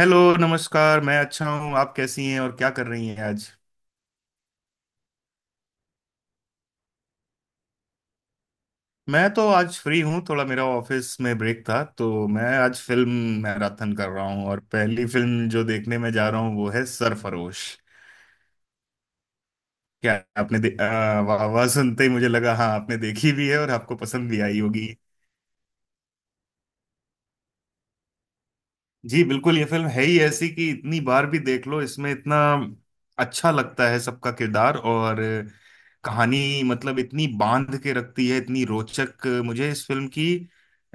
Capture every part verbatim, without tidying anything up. Hello, नमस्कार। मैं अच्छा हूँ। आप कैसी हैं और क्या कर रही हैं आज? मैं तो आज फ्री हूँ, थोड़ा मेरा ऑफिस में ब्रेक था तो मैं आज फिल्म मैराथन कर रहा हूँ और पहली फिल्म जो देखने में जा रहा हूँ वो है सरफरोश। क्या आपने दे- आ, वाह वाह सुनते ही मुझे लगा हाँ आपने देखी भी है और आपको पसंद भी आई होगी। जी बिल्कुल, ये फिल्म है ही ऐसी कि इतनी बार भी देख लो इसमें इतना अच्छा लगता है सबका किरदार और कहानी। मतलब इतनी बांध के रखती है, इतनी रोचक। मुझे इस फिल्म की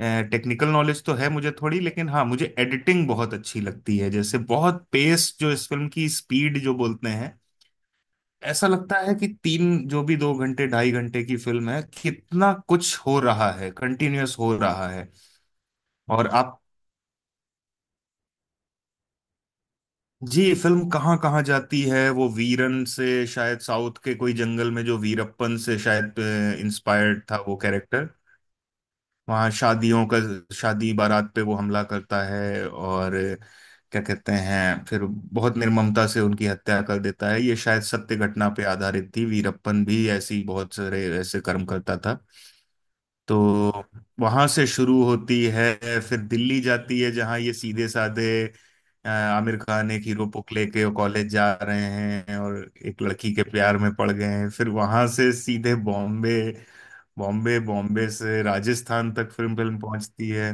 टेक्निकल नॉलेज तो है मुझे थोड़ी, लेकिन हाँ, मुझे एडिटिंग बहुत अच्छी लगती है, जैसे बहुत पेस जो इस फिल्म की, स्पीड जो बोलते हैं। ऐसा लगता है कि तीन जो भी, दो घंटे ढाई घंटे की फिल्म है, कितना कुछ हो रहा है, कंटिन्यूअस हो रहा है। और आप? जी, फिल्म कहाँ कहाँ जाती है, वो वीरन से शायद साउथ के कोई जंगल में, जो वीरप्पन से शायद इंस्पायर्ड था वो कैरेक्टर। वहाँ शादियों का, शादी बारात पे वो हमला करता है और क्या कहते हैं, फिर बहुत निर्ममता से उनकी हत्या कर देता है। ये शायद सत्य घटना पे आधारित थी, वीरप्पन भी ऐसी बहुत सारे ऐसे कर्म करता था। तो वहां से शुरू होती है, फिर दिल्ली जाती है जहां ये सीधे साधे अ, आमिर खान एक हीरो को लेके कॉलेज जा रहे हैं और एक लड़की के प्यार में पड़ गए हैं। फिर वहां से सीधे बॉम्बे, बॉम्बे बॉम्बे से राजस्थान तक फिल्म फिल्म पहुंचती है।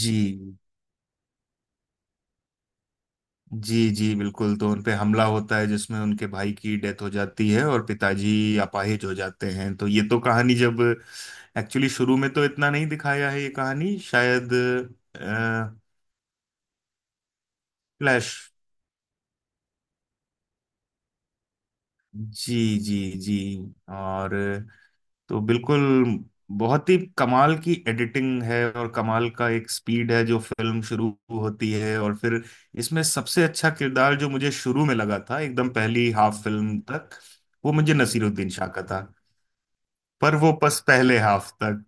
जी जी जी बिल्कुल, तो उन पे हमला होता है जिसमें उनके भाई की डेथ हो जाती है और पिताजी अपाहिज हो जाते हैं। तो ये तो कहानी जब एक्चुअली शुरू में तो इतना नहीं दिखाया है, ये कहानी शायद अ, फ्लैश। जी जी जी। और तो बिल्कुल बहुत ही कमाल की एडिटिंग है और कमाल का एक स्पीड है जो फिल्म शुरू होती है, और फिर इसमें सबसे अच्छा किरदार जो मुझे शुरू में लगा था एकदम पहली हाफ फिल्म तक, वो मुझे नसीरुद्दीन शाह का था। पर वो पस पहले हाफ तक।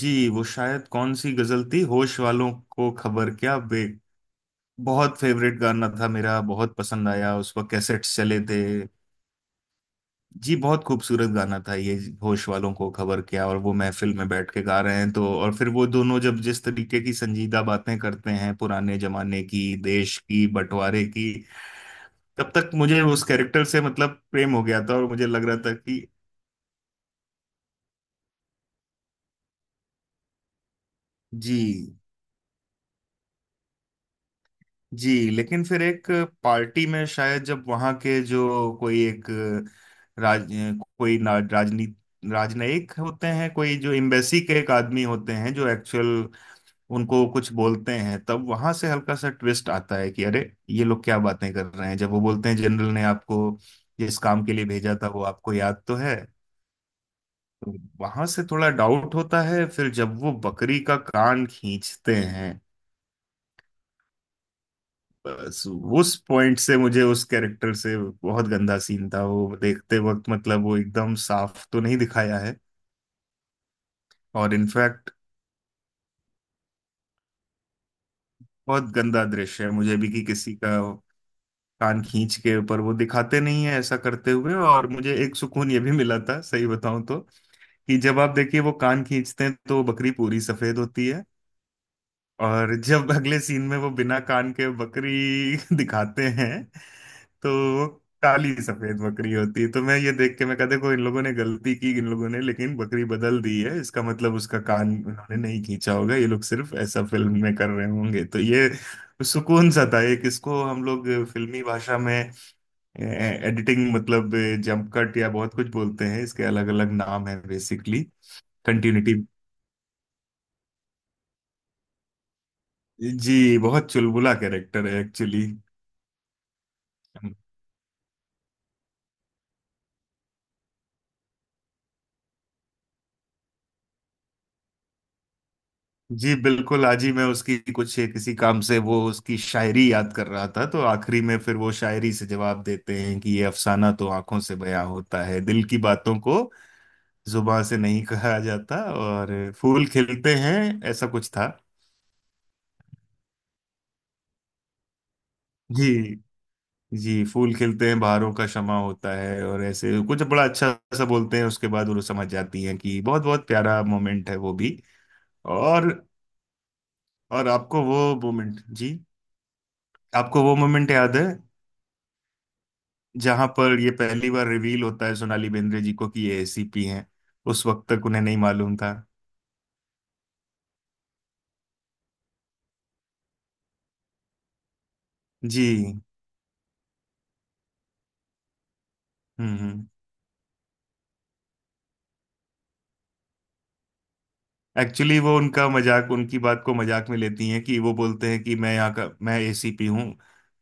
जी वो शायद कौन सी गजल थी, होश वालों को खबर क्या बे, बहुत फेवरेट गाना था मेरा, बहुत पसंद आया, उस पर कैसेट्स चले थे। जी बहुत खूबसूरत गाना था ये, होश वालों को खबर क्या, और वो महफिल में बैठ के गा रहे हैं तो, और फिर वो दोनों जब जिस तरीके की संजीदा बातें करते हैं पुराने जमाने की, देश की, बंटवारे की, तब तक मुझे उस कैरेक्टर से मतलब प्रेम हो गया था और मुझे लग रहा था कि जी जी। लेकिन फिर एक पार्टी में शायद जब वहां के जो कोई एक राज कोई ना- राजनी राजनयिक होते हैं, कोई जो एम्बेसी के एक आदमी होते हैं, जो एक्चुअल उनको कुछ बोलते हैं, तब वहां से हल्का सा ट्विस्ट आता है कि अरे ये लोग क्या बातें कर रहे हैं, जब वो बोलते हैं जनरल ने आपको जिस काम के लिए भेजा था वो आपको याद तो है। तो वहां से थोड़ा डाउट होता है, फिर जब वो बकरी का कान खींचते हैं, बस उस पॉइंट से मुझे उस कैरेक्टर से, बहुत गंदा सीन था वो, देखते वक्त मतलब वो एकदम साफ तो नहीं दिखाया है, और इनफैक्ट बहुत गंदा दृश्य है मुझे भी, कि किसी का कान खींच के, पर वो दिखाते नहीं है ऐसा करते हुए। और मुझे एक सुकून ये भी मिला था सही बताऊं तो, कि जब आप देखिए वो कान खींचते हैं तो बकरी पूरी सफेद होती है, और जब अगले सीन में वो बिना कान के बकरी दिखाते हैं तो काली सफेद बकरी होती है। तो मैं ये देख के मैं कहा देखो इन लोगों ने गलती की, इन लोगों ने लेकिन बकरी बदल दी है, इसका मतलब उसका कान उन्होंने नहीं खींचा होगा, ये लोग सिर्फ ऐसा फिल्म में कर रहे होंगे। तो ये सुकून सा था एक, इसको हम लोग फिल्मी भाषा में एडिटिंग मतलब जंप कट या बहुत कुछ बोलते हैं, इसके अलग अलग नाम है, बेसिकली कंटिन्यूटी। जी बहुत चुलबुला कैरेक्टर है एक्चुअली। जी बिल्कुल, आज ही मैं उसकी कुछ किसी काम से वो उसकी शायरी याद कर रहा था, तो आखिरी में फिर वो शायरी से जवाब देते हैं कि ये अफसाना तो आंखों से बयां होता है, दिल की बातों को जुबां से नहीं कहा जाता, और फूल खिलते हैं, ऐसा कुछ था। जी जी, फूल खिलते हैं बहारों का शमा होता है और ऐसे कुछ बड़ा अच्छा सा बोलते हैं, उसके बाद वो समझ जाती हैं कि, बहुत बहुत प्यारा मोमेंट है वो भी। और और आपको वो मोमेंट, जी, आपको वो मोमेंट याद है जहां पर ये पहली बार रिवील होता है सोनाली बेंद्रे जी को कि ये एसीपी हैं, उस वक्त तक उन्हें नहीं मालूम था। जी, हम्म हम्म, एक्चुअली वो उनका मजाक, उनकी बात को मजाक में लेती हैं, कि वो बोलते हैं कि मैं यहाँ का, मैं एसीपी हूँ,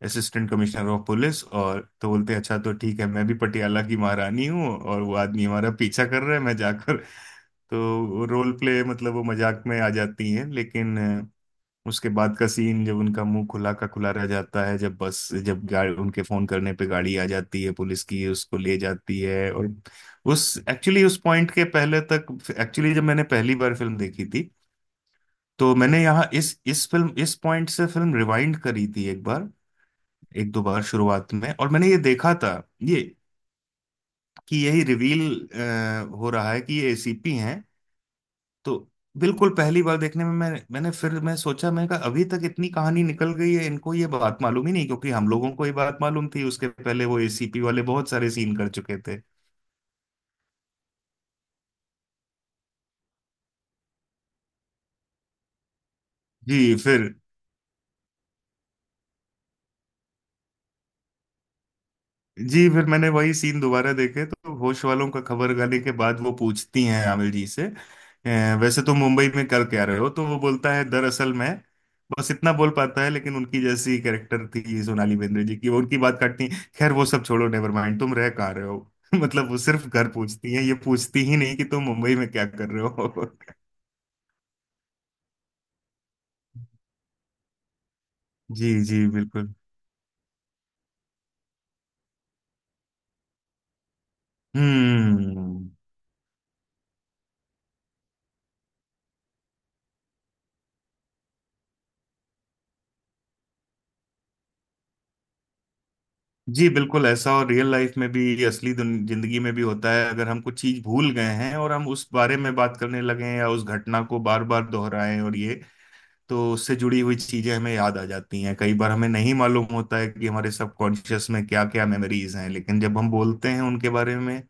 असिस्टेंट कमिश्नर ऑफ पुलिस, और तो बोलते हैं अच्छा तो ठीक है, मैं भी पटियाला की महारानी हूँ और वो आदमी हमारा पीछा कर रहा है मैं जाकर तो रोल प्ले, मतलब वो मजाक में आ जाती हैं, लेकिन उसके बाद का सीन जब उनका मुंह खुला का खुला रह जाता है, जब बस जब गाड़ी उनके फोन करने पे गाड़ी आ जाती है पुलिस की, उसको ले जाती है, और उस एक्चुअली उस पॉइंट के पहले तक एक्चुअली, जब मैंने पहली बार फिल्म देखी थी तो मैंने यहाँ इस इस फिल्म इस पॉइंट से फिल्म रिवाइंड करी थी एक बार, एक दो बार शुरुआत में, और मैंने ये देखा था ये, कि यही रिवील हो रहा है कि ये एसीपी हैं। तो बिल्कुल पहली बार देखने में मैं मैंने फिर मैं सोचा, मैं कहा अभी तक इतनी कहानी निकल गई है, इनको ये बात मालूम ही नहीं, क्योंकि हम लोगों को ये बात मालूम थी, उसके पहले वो एसीपी वाले बहुत सारे सीन कर चुके थे। जी फिर, जी फिर मैंने वही सीन दोबारा देखे तो होश वालों का खबर गाली के बाद वो पूछती हैं आमिर जी से, "अ, वैसे तो मुंबई में कर क्या रहे हो? तो वो बोलता है दरअसल मैं, बस इतना बोल पाता है, लेकिन उनकी जैसी कैरेक्टर थी सोनाली बेंद्रे जी की, वो उनकी बात काटती हैं, खैर वो सब छोड़ो, नेवर माइंड, तुम रह कहाँ रहे हो? मतलब वो सिर्फ घर पूछती हैं, ये पूछती ही नहीं कि तुम मुंबई में क्या कर रहे हो। जी जी बिल्कुल। हम्म। जी बिल्कुल ऐसा, और रियल लाइफ में भी असली दुन- जिंदगी में भी होता है, अगर हम कुछ चीज भूल गए हैं और हम उस बारे में बात करने लगे हैं या उस घटना को बार बार दोहराएं, और ये, तो उससे जुड़ी हुई चीजें हमें याद आ जाती हैं। कई बार हमें नहीं मालूम होता है कि हमारे सबकॉन्शियस में क्या क्या मेमोरीज हैं, लेकिन जब हम बोलते हैं उनके बारे में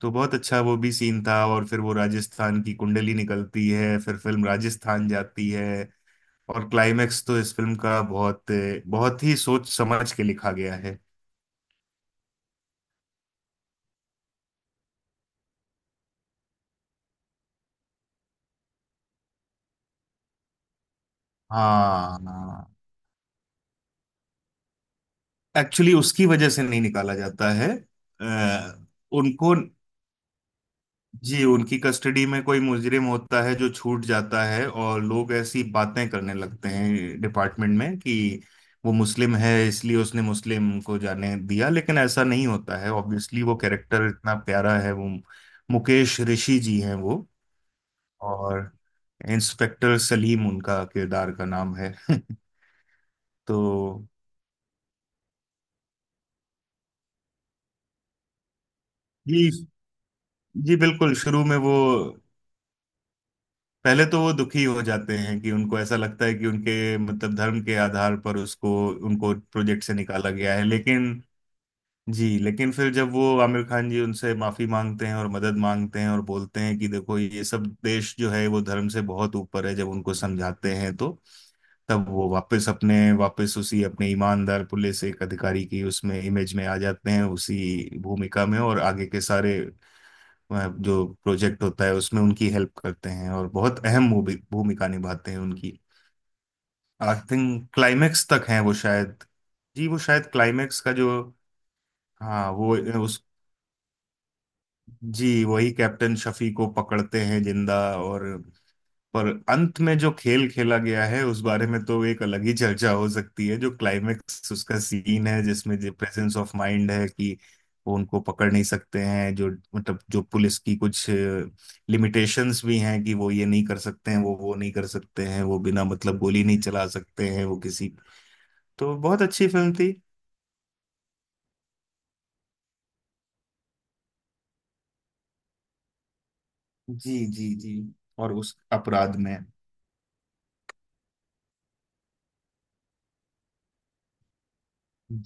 तो, बहुत अच्छा वो भी सीन था। और फिर वो राजस्थान की कुंडली निकलती है, फिर फिल्म राजस्थान जाती है, और क्लाइमेक्स तो इस फिल्म का बहुत बहुत ही सोच समझ के लिखा गया। हाँ एक्चुअली उसकी वजह से नहीं निकाला जाता है, अ, उनको, जी, उनकी कस्टडी में कोई मुजरिम होता है जो छूट जाता है, और लोग ऐसी बातें करने लगते हैं डिपार्टमेंट में कि वो मुस्लिम है इसलिए उसने मुस्लिम को जाने दिया, लेकिन ऐसा नहीं होता है ऑब्वियसली। वो कैरेक्टर इतना प्यारा है, वो मुकेश ऋषि जी हैं वो, और इंस्पेक्टर सलीम उनका किरदार का नाम है। तो जी जी बिल्कुल, शुरू में वो पहले तो वो दुखी हो जाते हैं कि उनको ऐसा लगता है कि उनके मतलब धर्म के आधार पर उसको, उनको प्रोजेक्ट से निकाला गया है, लेकिन जी, लेकिन फिर जब वो आमिर खान जी उनसे माफी मांगते हैं और मदद मांगते हैं और बोलते हैं कि देखो ये सब, देश जो है वो धर्म से बहुत ऊपर है, जब उनको समझाते हैं तो तब वो वापस अपने, वापस उसी अपने ईमानदार पुलिस एक अधिकारी की उसमें इमेज में आ जाते हैं, उसी भूमिका में। और आगे के सारे, वह जो प्रोजेक्ट होता है उसमें उनकी हेल्प करते हैं और बहुत अहम भूमि- भूमिका निभाते हैं उनकी। आई थिंक क्लाइमेक्स तक हैं वो शायद। जी वो शायद क्लाइमेक्स का जो, हाँ वो उस, जी वही कैप्टन शफी को पकड़ते हैं जिंदा, और पर अंत में जो खेल खेला गया है उस बारे में तो एक अलग ही चर्चा हो सकती है, जो क्लाइमेक्स उसका सीन है जिसमें जो प्रेजेंस ऑफ माइंड है कि वो उनको पकड़ नहीं सकते हैं, जो मतलब जो पुलिस की कुछ लिमिटेशंस भी हैं कि वो ये नहीं कर सकते हैं, वो वो नहीं कर सकते हैं, वो बिना मतलब गोली नहीं चला सकते हैं वो किसी। तो बहुत अच्छी फिल्म थी। जी जी जी, और उस अपराध में,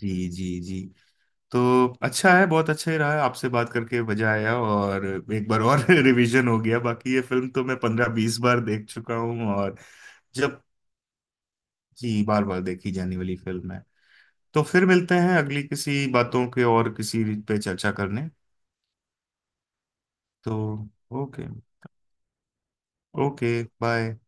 जी जी जी। तो अच्छा है, बहुत अच्छा ही रहा है आपसे बात करके, मजा आया, और एक बार और रिवीजन हो गया, बाकी ये फिल्म तो मैं पंद्रह बीस बार देख चुका हूँ, और जब, जी बार बार देखी जाने वाली फिल्म है। तो फिर मिलते हैं अगली किसी बातों के और किसी पे चर्चा करने। तो ओके, ओके बाय।